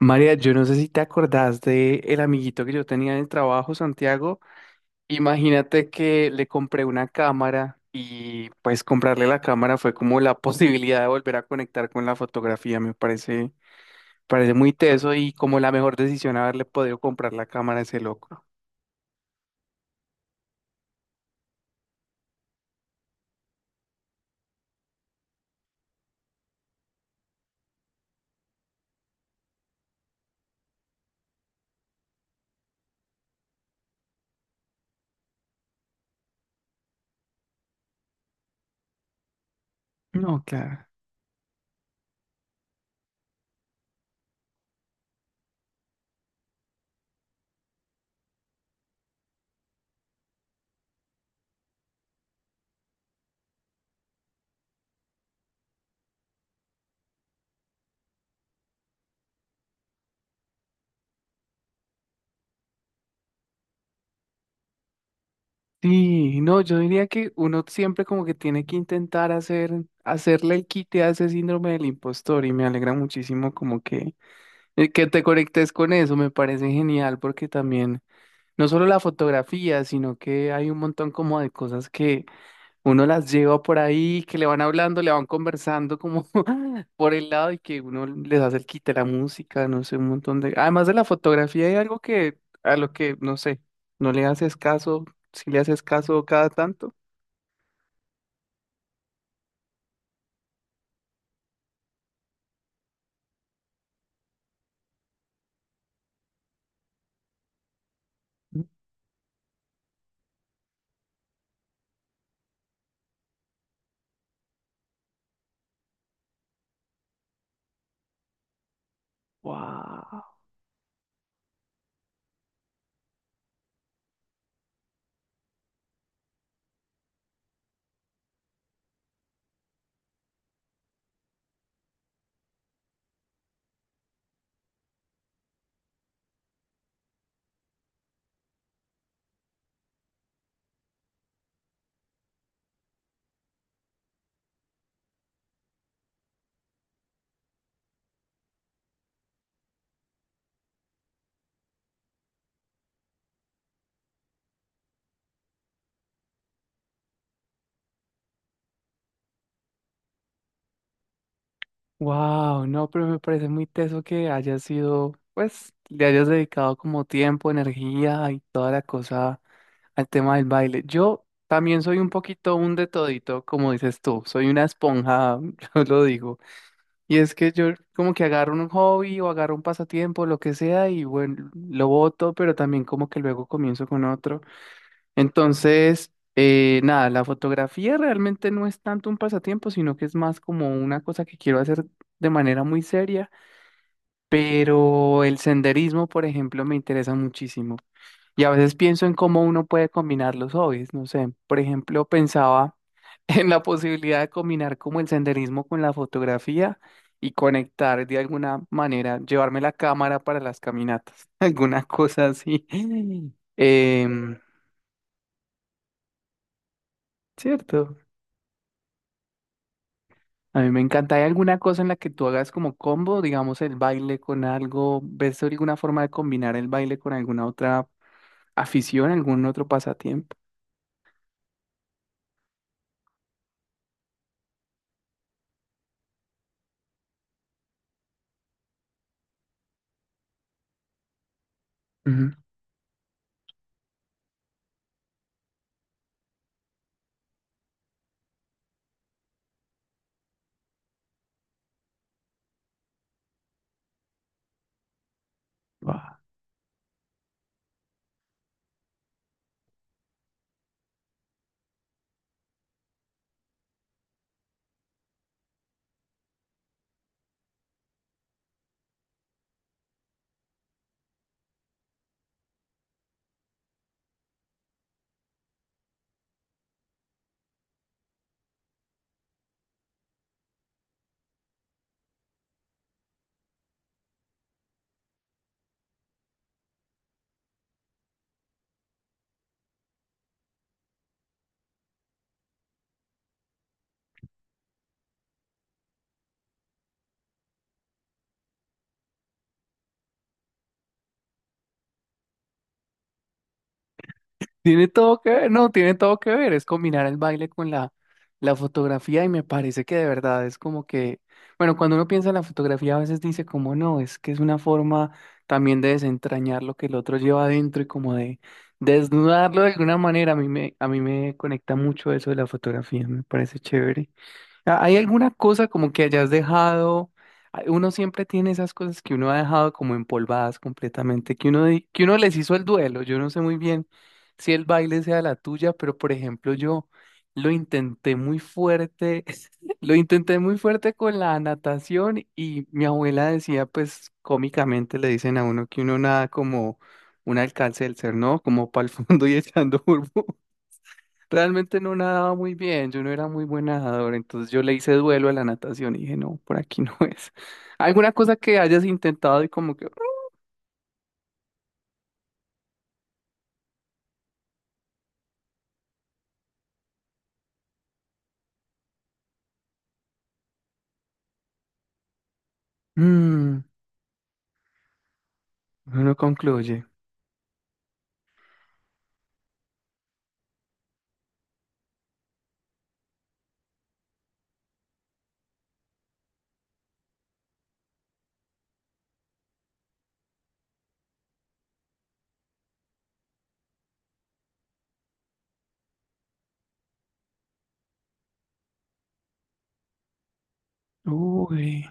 María, yo no sé si te acordás de el amiguito que yo tenía en el trabajo, Santiago. Imagínate que le compré una cámara y pues comprarle la cámara fue como la posibilidad de volver a conectar con la fotografía. Parece muy teso y como la mejor decisión haberle podido comprar la cámara a ese loco. No, claro. Sí, no, yo diría que uno siempre como que tiene que intentar hacerle el quite a ese síndrome del impostor, y me alegra muchísimo como que que te conectes con eso. Me parece genial porque también no solo la fotografía, sino que hay un montón como de cosas que uno las lleva por ahí, que le van hablando, le van conversando como por el lado y que uno les hace el quite, la música, no sé, un montón de... Además de la fotografía hay algo que a lo que, no sé, no le haces caso, si le haces caso cada tanto. Wow. Wow, no, pero me parece muy teso que hayas sido, pues, le hayas dedicado como tiempo, energía y toda la cosa al tema del baile. Yo también soy un poquito un de todito, como dices tú, soy una esponja, yo lo digo. Y es que yo como que agarro un hobby o agarro un pasatiempo, lo que sea, y bueno, lo boto, pero también como que luego comienzo con otro. Entonces, nada, la fotografía realmente no es tanto un pasatiempo, sino que es más como una cosa que quiero hacer de manera muy seria, pero el senderismo, por ejemplo, me interesa muchísimo. Y a veces pienso en cómo uno puede combinar los hobbies, no sé, por ejemplo, pensaba en la posibilidad de combinar como el senderismo con la fotografía y conectar de alguna manera, llevarme la cámara para las caminatas, alguna cosa así. Em, ¿cierto? A mí me encanta. ¿Hay alguna cosa en la que tú hagas como combo, digamos el baile con algo? ¿Ves alguna forma de combinar el baile con alguna otra afición, algún otro pasatiempo? Ujú. Wow. Tiene todo que ver, no, tiene todo que ver, es combinar el baile con la fotografía, y me parece que de verdad es como que, bueno, cuando uno piensa en la fotografía a veces dice como no, es que es una forma también de desentrañar lo que el otro lleva adentro y como de desnudarlo de alguna manera. A a mí me conecta mucho eso de la fotografía, me parece chévere. Ah, ¿hay alguna cosa como que hayas dejado? Ah, uno siempre tiene esas cosas que uno ha dejado como empolvadas completamente, que que uno les hizo el duelo. Yo no sé muy bien si el baile sea la tuya, pero por ejemplo yo lo intenté muy fuerte, lo intenté muy fuerte con la natación, y mi abuela decía, pues cómicamente le dicen a uno que uno nada como un alcance del ser, ¿no? Como para el fondo y echando burbu. Realmente no nadaba muy bien, yo no era muy buen nadador, entonces yo le hice duelo a la natación y dije, no, por aquí no es. ¿Alguna cosa que hayas intentado y como que, mm, uno concluye? Uy,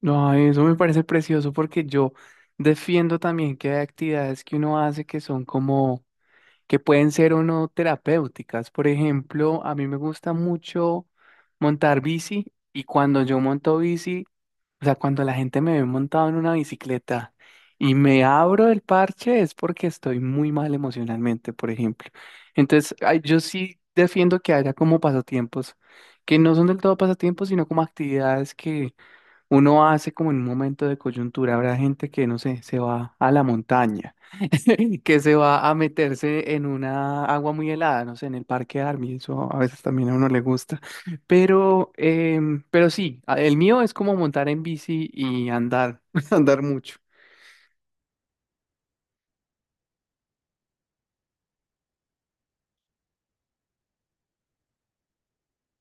no, eso me parece precioso porque yo defiendo también que hay actividades que uno hace que son como, que pueden ser o no terapéuticas. Por ejemplo, a mí me gusta mucho montar bici, y cuando yo monto bici, o sea, cuando la gente me ve montado en una bicicleta y me abro el parche, es porque estoy muy mal emocionalmente, por ejemplo. Entonces, ay, yo sí defiendo que haya como pasatiempos, que no son del todo pasatiempos, sino como actividades que uno hace como en un momento de coyuntura. Habrá gente que, no sé, se va a la montaña, que se va a meterse en una agua muy helada, no sé, en el Parque Army, eso a veces también a uno le gusta. Pero, pero sí, a- el mío es como montar en bici y andar, andar mucho.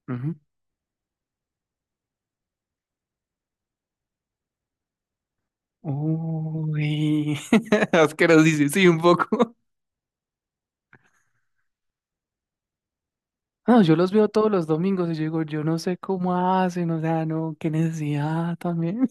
Ujú. Uy, asquerosísimo, sí, un poco. No, yo los veo todos los domingos y yo digo, yo no sé cómo hacen, o sea, no, qué necesidad también.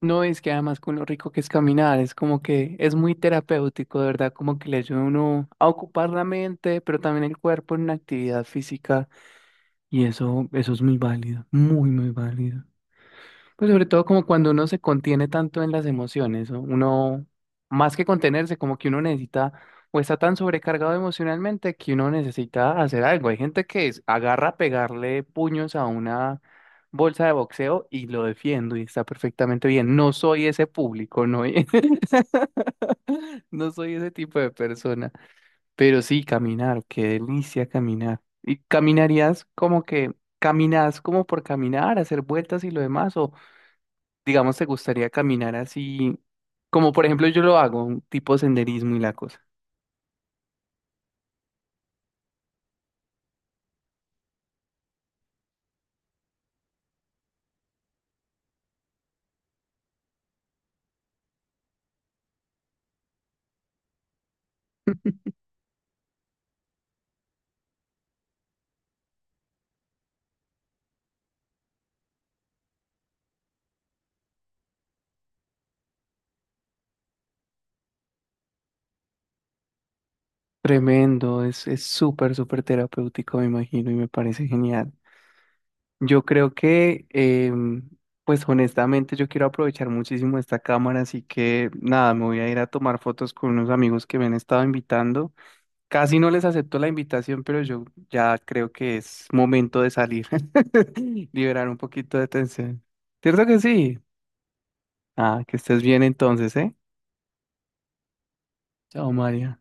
No, es que además con lo rico que es caminar, es como que es muy terapéutico, de verdad, como que le ayuda a uno a ocupar la mente, pero también el cuerpo en una actividad física, y eso es muy válido, muy, muy válido. Pues sobre todo como cuando uno se contiene tanto en las emociones, ¿no? Uno, más que contenerse, como que uno necesita, o está tan sobrecargado emocionalmente que uno necesita hacer algo. Hay gente que es- agarra a pegarle puños a una bolsa de boxeo y lo defiendo, y está perfectamente bien. No soy ese público, no, no soy ese tipo de persona. Pero sí, caminar, qué delicia caminar. ¿Y caminarías como que, caminás como por caminar, hacer vueltas y lo demás? Digamos, te gustaría caminar así, como por ejemplo yo lo hago, un tipo senderismo y la cosa. Tremendo, es súper, súper terapéutico, me imagino, y me parece genial. Yo creo que, pues honestamente, yo quiero aprovechar muchísimo esta cámara, así que nada, me voy a ir a tomar fotos con unos amigos que me han estado invitando. Casi no les acepto la invitación, pero yo ya creo que es momento de salir, liberar un poquito de tensión. ¿Cierto que sí? Ah, que estés bien entonces, ¿eh? Chao, María.